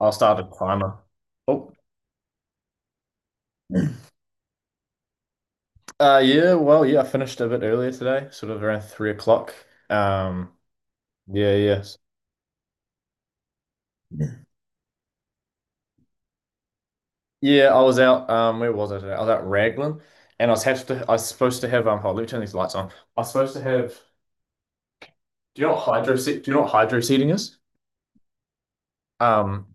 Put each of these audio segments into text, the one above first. I'll start at climber. Oh, yeah. Well, yeah. I finished a bit earlier today, sort of around 3 o'clock. Um, yeah, yes, yeah. I was out. Where was I today? I was out Raglan, and I was have to. I was supposed to have. Hold on, let me turn these lights on. I was supposed to have. Do you know what Do you know what hydro seeding is? Um,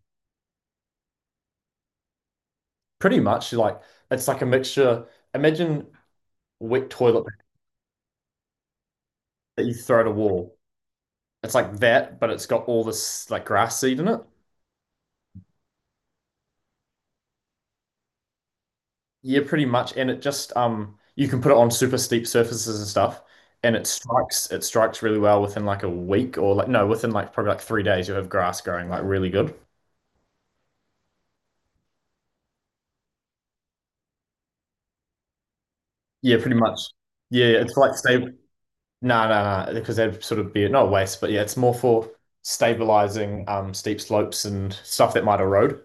pretty much like it's like a mixture. Imagine wet toilet paper that you throw at a wall. It's like that, but it's got all this like grass seed in it. Yeah, pretty much. And it just you can put it on super steep surfaces and stuff, and it strikes really well within like a week or like no, within like probably like 3 days you'll have grass growing like really good. Yeah, pretty much. Yeah, it's like stable. No, no, no, because that'd sort of be not a waste, but yeah, it's more for stabilizing steep slopes and stuff that might erode.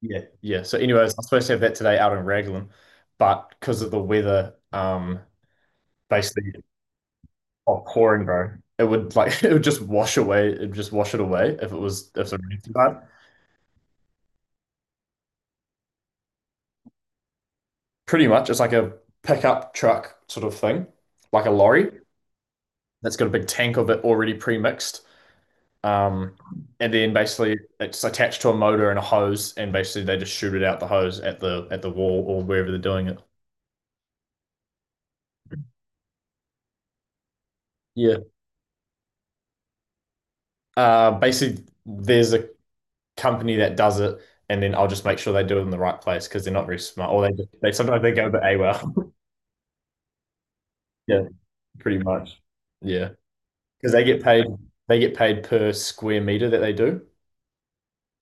Yeah, yeah. So, anyways, I'm supposed to have that today out in Raglan, but because of the weather, basically. Oh, pouring, bro. It would like it would just wash away. It would just wash it away if it was if the rain too bad. Pretty much, it's like a pickup truck sort of thing, like a lorry that's got a big tank of it already pre-mixed. Um, and then basically it's attached to a motor and a hose, and basically they just shoot it out the hose at the wall or wherever they're doing it. Yeah. Basically, there's a company that does it, and then I'll just make sure they do it in the right place because they're not very smart, or they sometimes they go a bit AWOL. Yeah, pretty much. Yeah. Because they get paid per square meter that they do.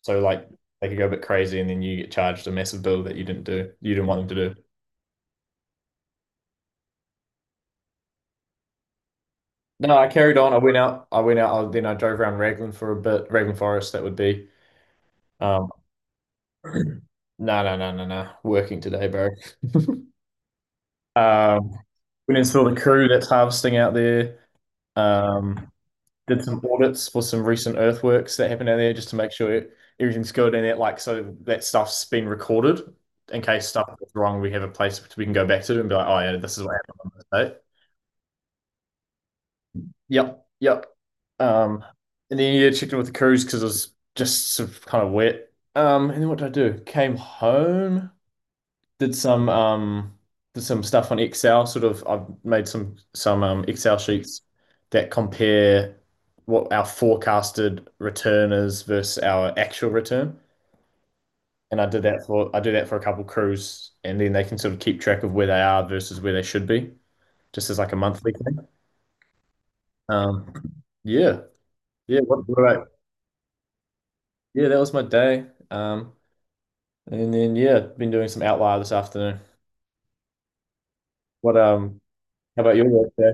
So like they could go a bit crazy and then you get charged a massive bill that you didn't want them to do. No, I carried on. I went out. Then I drove around Raglan for a bit. Raglan Forest, that would be. Um, no, no. Working today, bro. um, Went and saw the crew that's harvesting out there. Um, did some audits for some recent earthworks that happened out there just to make sure everything's good and that, like, so that stuff's been recorded in case stuff goes wrong we have a place we can go back to and be like, oh yeah, this is what happened on this day. yep yep um and then yeah, checked in with the crews because it was just sort of kind of wet. And then what did I do, came home, did some stuff on Excel. Sort of, I've made some Excel sheets that compare what our forecasted return is versus our actual return. And I do that for a couple crews, and then they can sort of keep track of where they are versus where they should be, just as like a monthly thing. Um, yeah, yeah. Yeah, that was my day. And then yeah, been doing some outlier this afternoon. What how about your work day?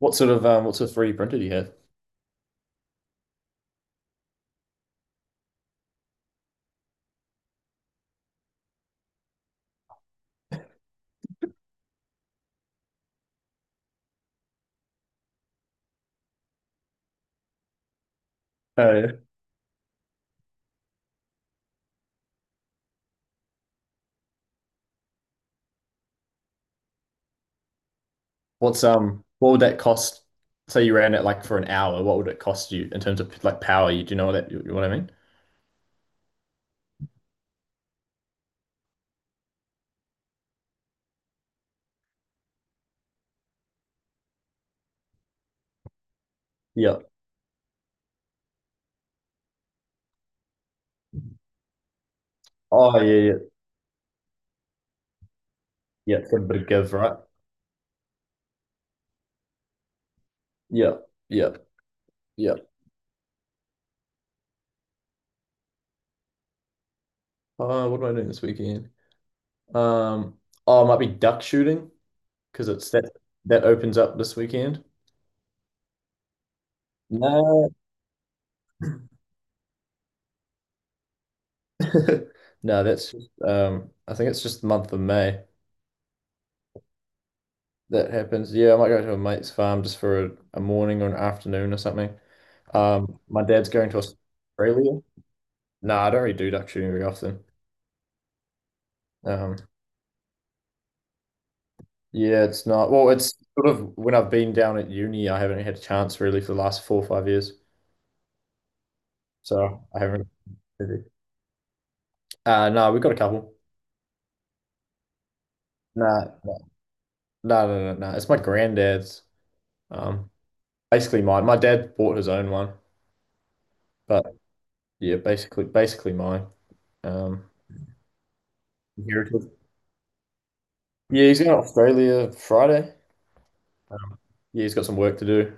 What sort of 3D printer do you have? Uh, what's what would that cost? Say you ran it like for an hour, what would it cost you in terms of like power? You know what I mean? Yeah. Oh yeah, yeah, yeah. It's a bit of give, right? Yeah, yeah, yeah. What am I doing this weekend? Um, oh, it might be duck shooting, because it's that that opens up this weekend. No. No, that's just I think it's just the month of May that happens. Yeah, I might go to a mate's farm just for a morning or an afternoon or something. My dad's going to Australia. No, I don't really do duck shooting very often. Um yeah, it's not, well, it's sort of when I've been down at uni, I haven't had a chance really for the last 4 or 5 years. So I haven't really- no, we've got a couple. Nah, no, no. It's my granddad's. Um basically mine. My dad bought his own one, but yeah, basically mine. Um, inherited. Yeah, he's going to Australia Friday. Yeah, he's got some work to do.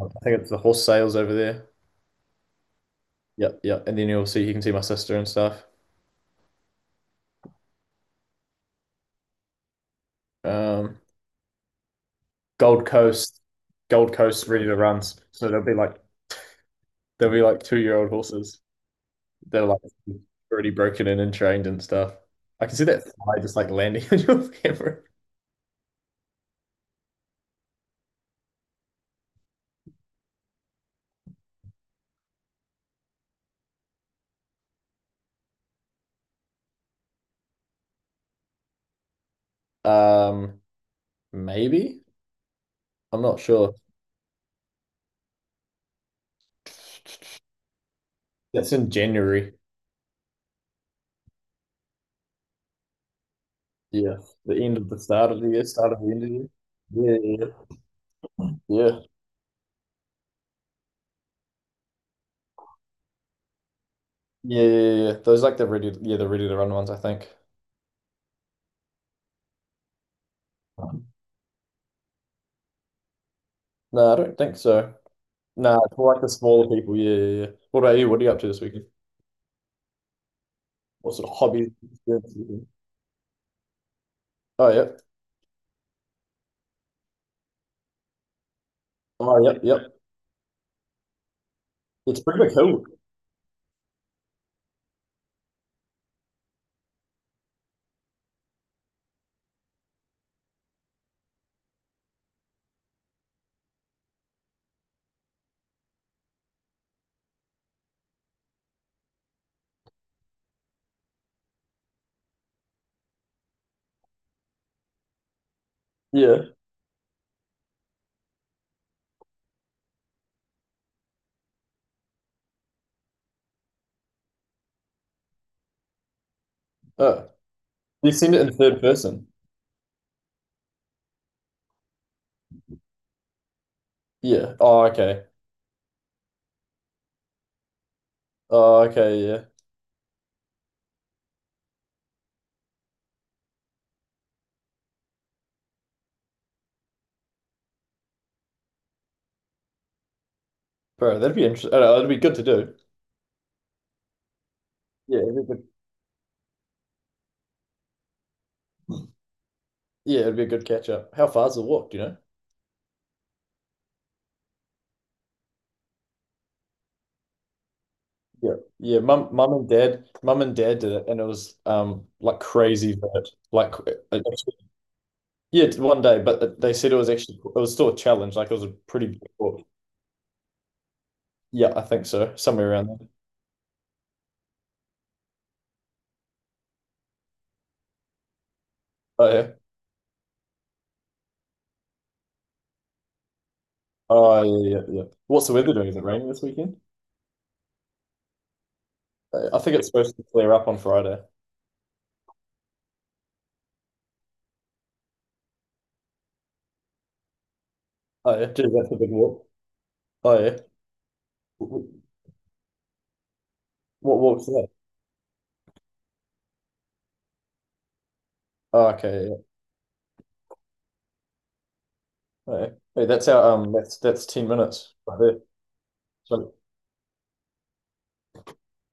I think it's the horse sales over there. Yep, yep. And then you can see my sister and stuff. Um, Gold Coast, Gold Coast ready to runs. So they'll be like 2 year old horses. They're like already broken in and trained and stuff. I can see that fly just like landing on your camera. Um, maybe. I'm not sure. That's in January. Yes, the end of the start of the year, start of the end of the year. Yeah, yeah, yeah, yeah. Those like the ready, yeah, the ready to run ones, I think. Um, No, I don't think so. No, it's more like the smaller people. Yeah, yeah, yeah. What about you? What are you up to this weekend? What sort of hobbies? Experiences you doing? Oh, yeah. Oh, yep, yep. It's pretty big hill. Yeah. Oh, you seen it in third person. Yeah. Oh, okay. Oh, okay. Yeah, bro, that'd be interesting. That'd be good to do. Yeah, it'd be good. Yeah, it'd be a good catch up. How far's the walk? Do you know? Yeah, yeah. Mum and dad did it, and it was like crazy vert, like it- actually- yeah, it's one day. But it- they said it was actually it was still a challenge. Like it was a pretty big book. Yeah, I think so, somewhere around there. Oh yeah, oh yeah, yeah, yeah, yeah. What's the weather doing? Is it raining this weekend? I think it's supposed to clear up on Friday. Oh yeah, gee, that's a big walk. Oh yeah, W- what walk's that? Oh, okay, yeah. Oh, yeah. Hey, that's our um, that's 10 minutes right there. So